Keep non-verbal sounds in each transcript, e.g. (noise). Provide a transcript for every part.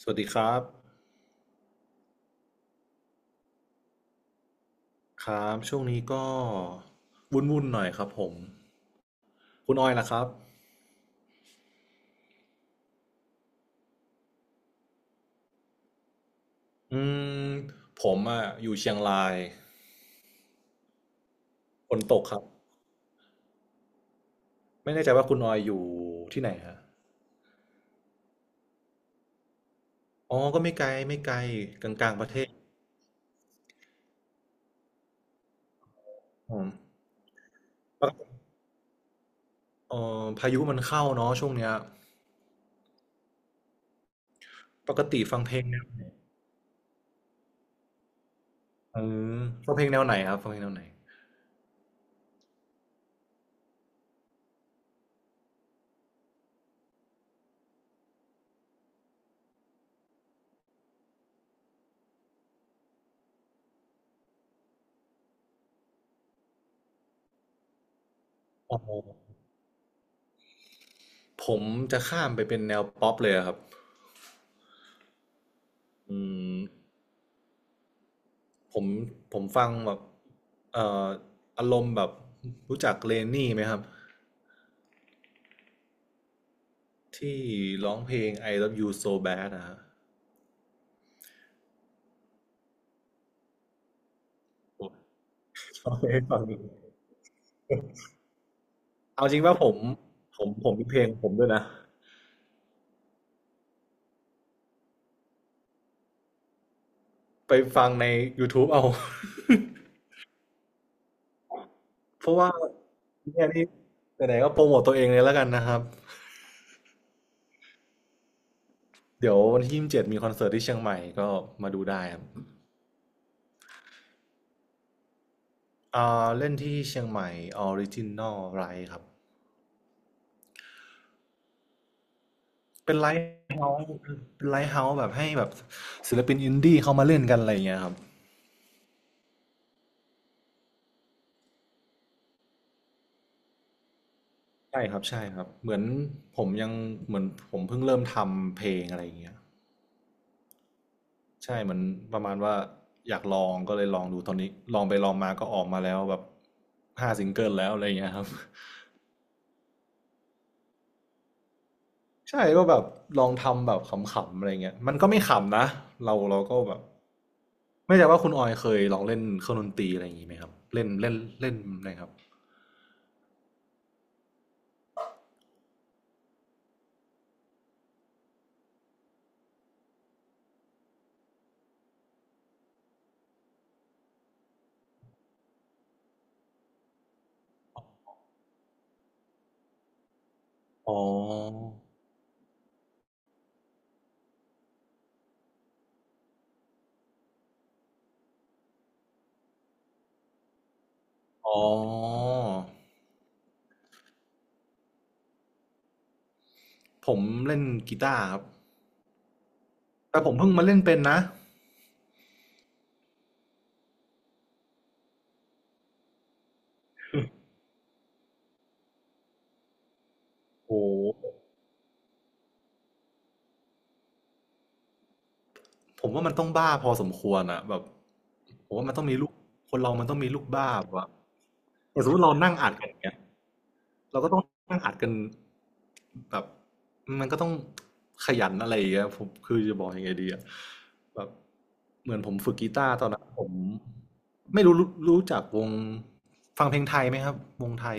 สวัสดีครับครับช่วงนี้ก็วุ่นๆหน่อยครับผมคุณออยล่ะครับอืม ผมอ่ะอยู่เชียงรายฝนตกครับ ไม่แน่ใจว่าคุณออยอยู่ที่ไหนฮะอ๋อก็ไม่ไกลไม่ไกลกลางๆประเทศผมปกพายุมันเข้าเนาะช่วงเนี้ยปกติฟังเพลงแนวเอฟังเพลงแนวไหนครับฟังเพลงแนวไหนอ๋อผมจะข้ามไปเป็นแนวป๊อปเลยอะครับอืม ผมผมฟังแบบเอ่ออารมณ์แบบรู้จักเลนนี่ไหมครับที่ร้องเพลง I Love You So Bad นะฮะผมชอบเพลงฟังนี้เอาจริงว่าผมผมมีเพลงผมด้วยนะไปฟังใน YouTube เอา (laughs) เพราะว่าเนี่ยนี่ไหนๆก็โปรโมทตัวเองเลยแล้วกันนะครับเดี๋ยววันที่27มีคอนเสิร์ตที่เชียงใหม่ก็มาดูได้ครับอ่าเล่นที่เชียงใหม่ออริจินอลไรครับ เป็นไลฟ์เฮาส์เป็นไลฟ์เฮาส์แบบให้แบบศิลปินอินดี้เขามาเล่นกันอะไรอย่างเงี้ยครับใช่ครับใช่ครับเหมือนผมยังเหมือนผมเพิ่งเริ่มทำเพลงอะไรอย่างเงี้ยใช่เหมือนประมาณว่าอยากลองก็เลยลองดูตอนนี้ลองไปลองมาก็ออกมาแล้วแบบ5 ซิงเกิลแล้วอะไรอย่างเงี้ยครับ (laughs) ใช่ก็แบบลองทำแบบขำๆอะไรเงี้ยมันก็ไม่ขำนะเราก็แบบไม่ใช่ว่าคุณออยเคยลองเล่นเครื่องดนตรีอะไรอย่างงี้ไหมครับเล่นเล่นเล่นอะไรครับอ๋ออ๋อ ผมเล่นกีตาร์ครับแต่ผมเพิ่งมาเล่นเป็นนะโอ้โหผมว่ามันต้องบ้าพอสมควรอะแบบผมว่ามันต้องมีลูกคนเรามันต้องมีลูกบ้าแบบว่าอย่างสมมติเรานั่งอัดกันอย่างเงี้ยเราก็ต้องนั่งอัดกันแบบมันก็ต้องขยันอะไรอย่างเงี้ยผมคือจะบอกยังไงดีอะแบบเหมือนผมฝึกกีตาร์ตอนนั้นผมไม่รู้รู้จักวงฟังเพลงไทยไหมครับวงไทย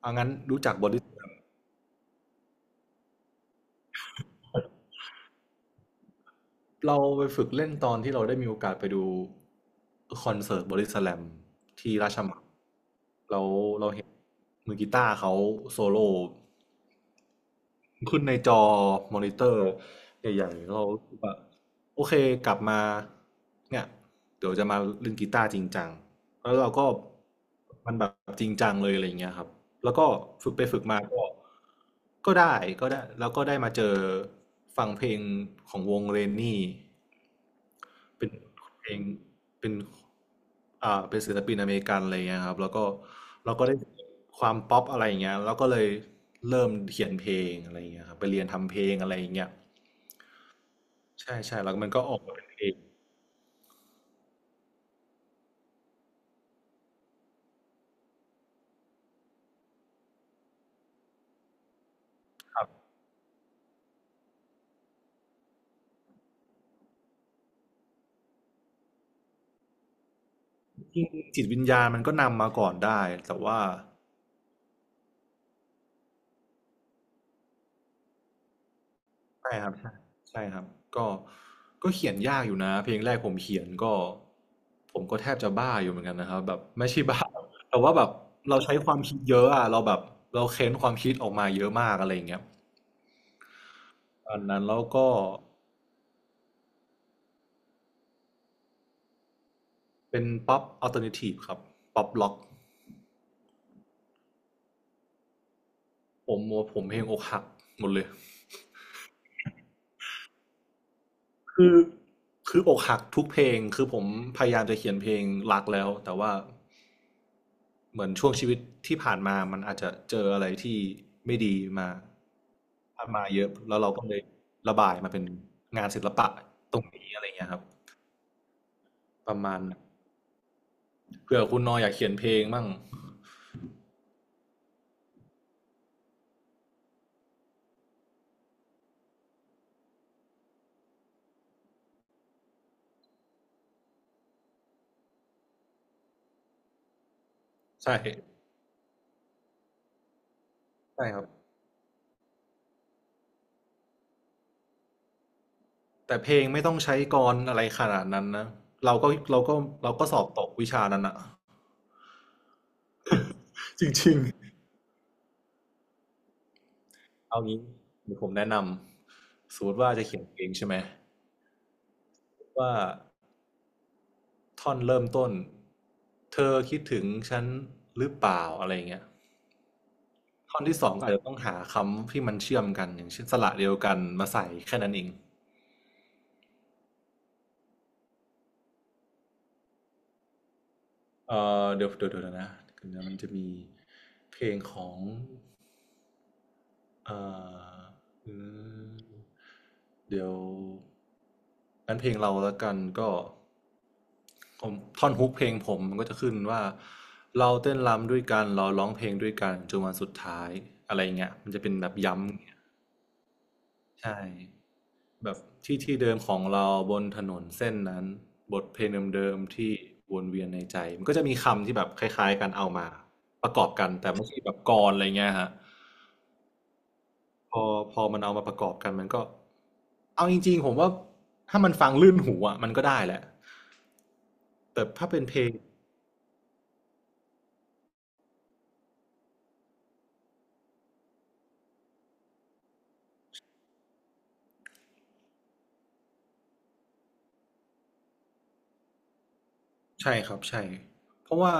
เอางั้นรู้จักบอด เราไปฝึกเล่นตอนที่เราได้มีโอกาสไปดูคอนเสิร์ตบอดี้สแลมที่ราชมังเราเราเห็นมือกีตาร์เขาโซโล่ขึ้นในจอมอนิเตอร์ใหญ่ๆเรารู้สึกว่าโอเคกลับมาเนี่ยเดี๋ยวจะมาเล่นกีตาร์จริงจังแล้วเราก็มันแบบจริงจังเลยอะไรอย่างเงี้ยครับแล้วก็ฝึกไปฝึกมาก็ก็ได้ก็ได้แล้วก็ได้มาเจอฟังเพลงของวงเรนนี่ เป็นเพลงเป็นเป็นศิลปินอเมริกันอะไรเงี้ยครับแล้วก็เราก็ได้ความป๊อปอะไรอย่างเงี้ยแล้วก็เลยเริ่มเขียนเพลงอะไรอย่างเงี้ยครับไปเรียนทำเพลงอะไรอย่างเงี้ยใช่ใช่แล้วมันก็ออกมาเป็นเพลงครับจริงจิตวิญญาณมันก็นำมาก่อนได้แต่ว่า ใช่ครับใช่ครับก็ก็เขียนยากอยู่นะเพลงแรกผมเขียนก็ผมก็แทบจะบ้าอยู่เหมือนกันนะครับแบบไม่ใช่บ้า (laughs) แต่ว่าแบบเราใช้ความคิดเยอะอะเราแบบเราเค้นความคิดออกมาเยอะมากอะไรอย่างเงี้ยตอนนั้นแล้วก็เป็นป๊อปอัลเทอร์เนทีฟครับป๊อปล็อกผมผมเพลงอกหักหมดเลยคือ คืออกหักทุกเพลงคือผมพยายามจะเขียนเพลงรักแล้วแต่ว่าเหมือนช่วงชีวิตที่ผ่านมามันอาจจะเจออะไรที่ไม่ดีมาผ่านมาเยอะแล้วเราก็เลยระบายมาเป็นงานศิลปะตรงนี้อะไรเงี้ยครับประมาณนั้นเผื่อคุณนออยากเขียนเพลงมั่งใช่ใช่ครับแต่เพลงไม่ต้องใช้กลอนอะไรขนาดนั้นนะเราก็เราก็สอบตกวิชานั้นอะจริงๆเอางี้เดี๋ยวผมแนะนำสมมติว่าจะเขียนเพลงใช่ไหม ว่าท่อนเริ่มต้นเธอคิดถึงฉันหรือเปล่าอะไรเงี้ยท่อนที่สองครับเต้องหาคำที่มันเชื่อมกันอย่างเช่นสระเดียวกันมาใส่แค่นั้นเองเอเดี๋ยวดยนะเดี๋ยวนะมันจะมีเพลงของ อ่าอืมเดี๋ยวงั้นเพลงเราแล้วกันก็ผมท่อนฮุกเพลงผมมันก็จะขึ้นว่าเราเต้นรำด้วยกันเราร้องเพลงด้วยกันจนวันสุดท้ายอะไรเงี้ยมันจะเป็นแบบย้ำใช่แบบที่ที่เดิมของเราบนถนนเส้นนั้นบทเพลงเดิมๆที่วนเวียนในใจมันก็จะมีคำที่แบบคล้ายๆกันเอามาประกอบกันแต่ไม่ใช่แบบกลอนอะไรเงี้ยฮะ พอพอมันเอามาประกอบกันมันก็เอาจริงๆผมว่าถ้ามันฟังลื่นหูอ่ะมันก็ได้แหละแต่ถ้าเป็นเพลงใช่ครับใช่เพราะว่า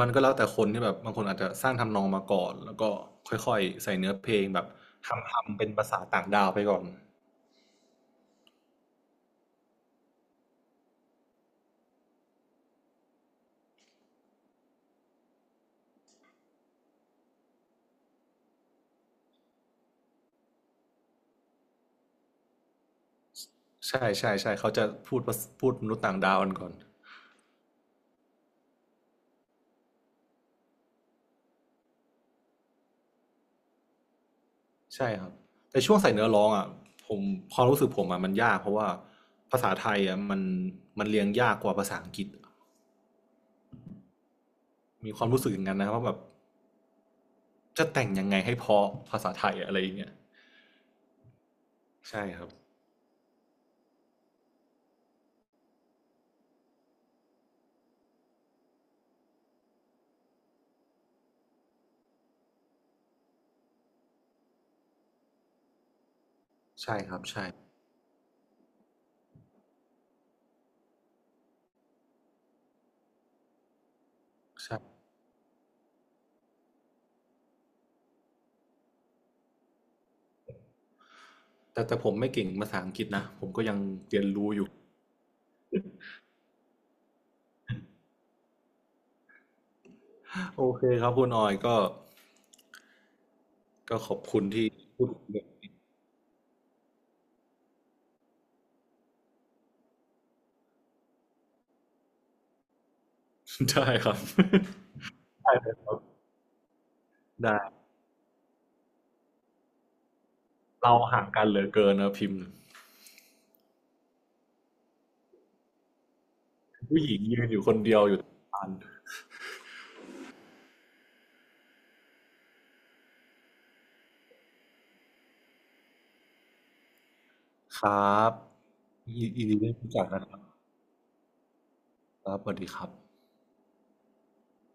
มันก็แล้วแต่คนที่แบบบางคนอาจจะสร้างทำนองมาก่อนแล้วก็ค่อยๆใส่เนื้อเพลงแบบทำเป็นภาษาต่างดาวไปก่อนใช่ใช่ใช่เขาจะพูดภาษพูดมนุษย์ต่างดาวกันก่อนใช่ครับแต่ช่วงใส่เนื้อร้องอ่ะผมความรู้สึกผมอ่ะมันยากเพราะว่าภาษาไทยอ่ะมันเรียงยากกว่าภาษาอังกฤษมีความรู้สึกอย่างนั้นนะว่าแบบ จะแต่งยังไงให้เพราะภาษาไทยอะไรอย่างเงี้ยใช่ครับใช่ครับใช่ใช่แต่ผมไม่เก่งภาษาอังกฤษนะผมก็ยังเรียนรู้อยู่โอเคครับคุณออยก็ก็ขอบคุณที่พูดคุยกันได้ครับ (laughs) ได้เลยครับได้เราห่างกันเหลือเกินนะพิมพ์ผู้หญิงยืนอยู่คนเดียวอยู่ตรงกลางครับยินดีที่รู้จักนะครับครับสวัสดีครับ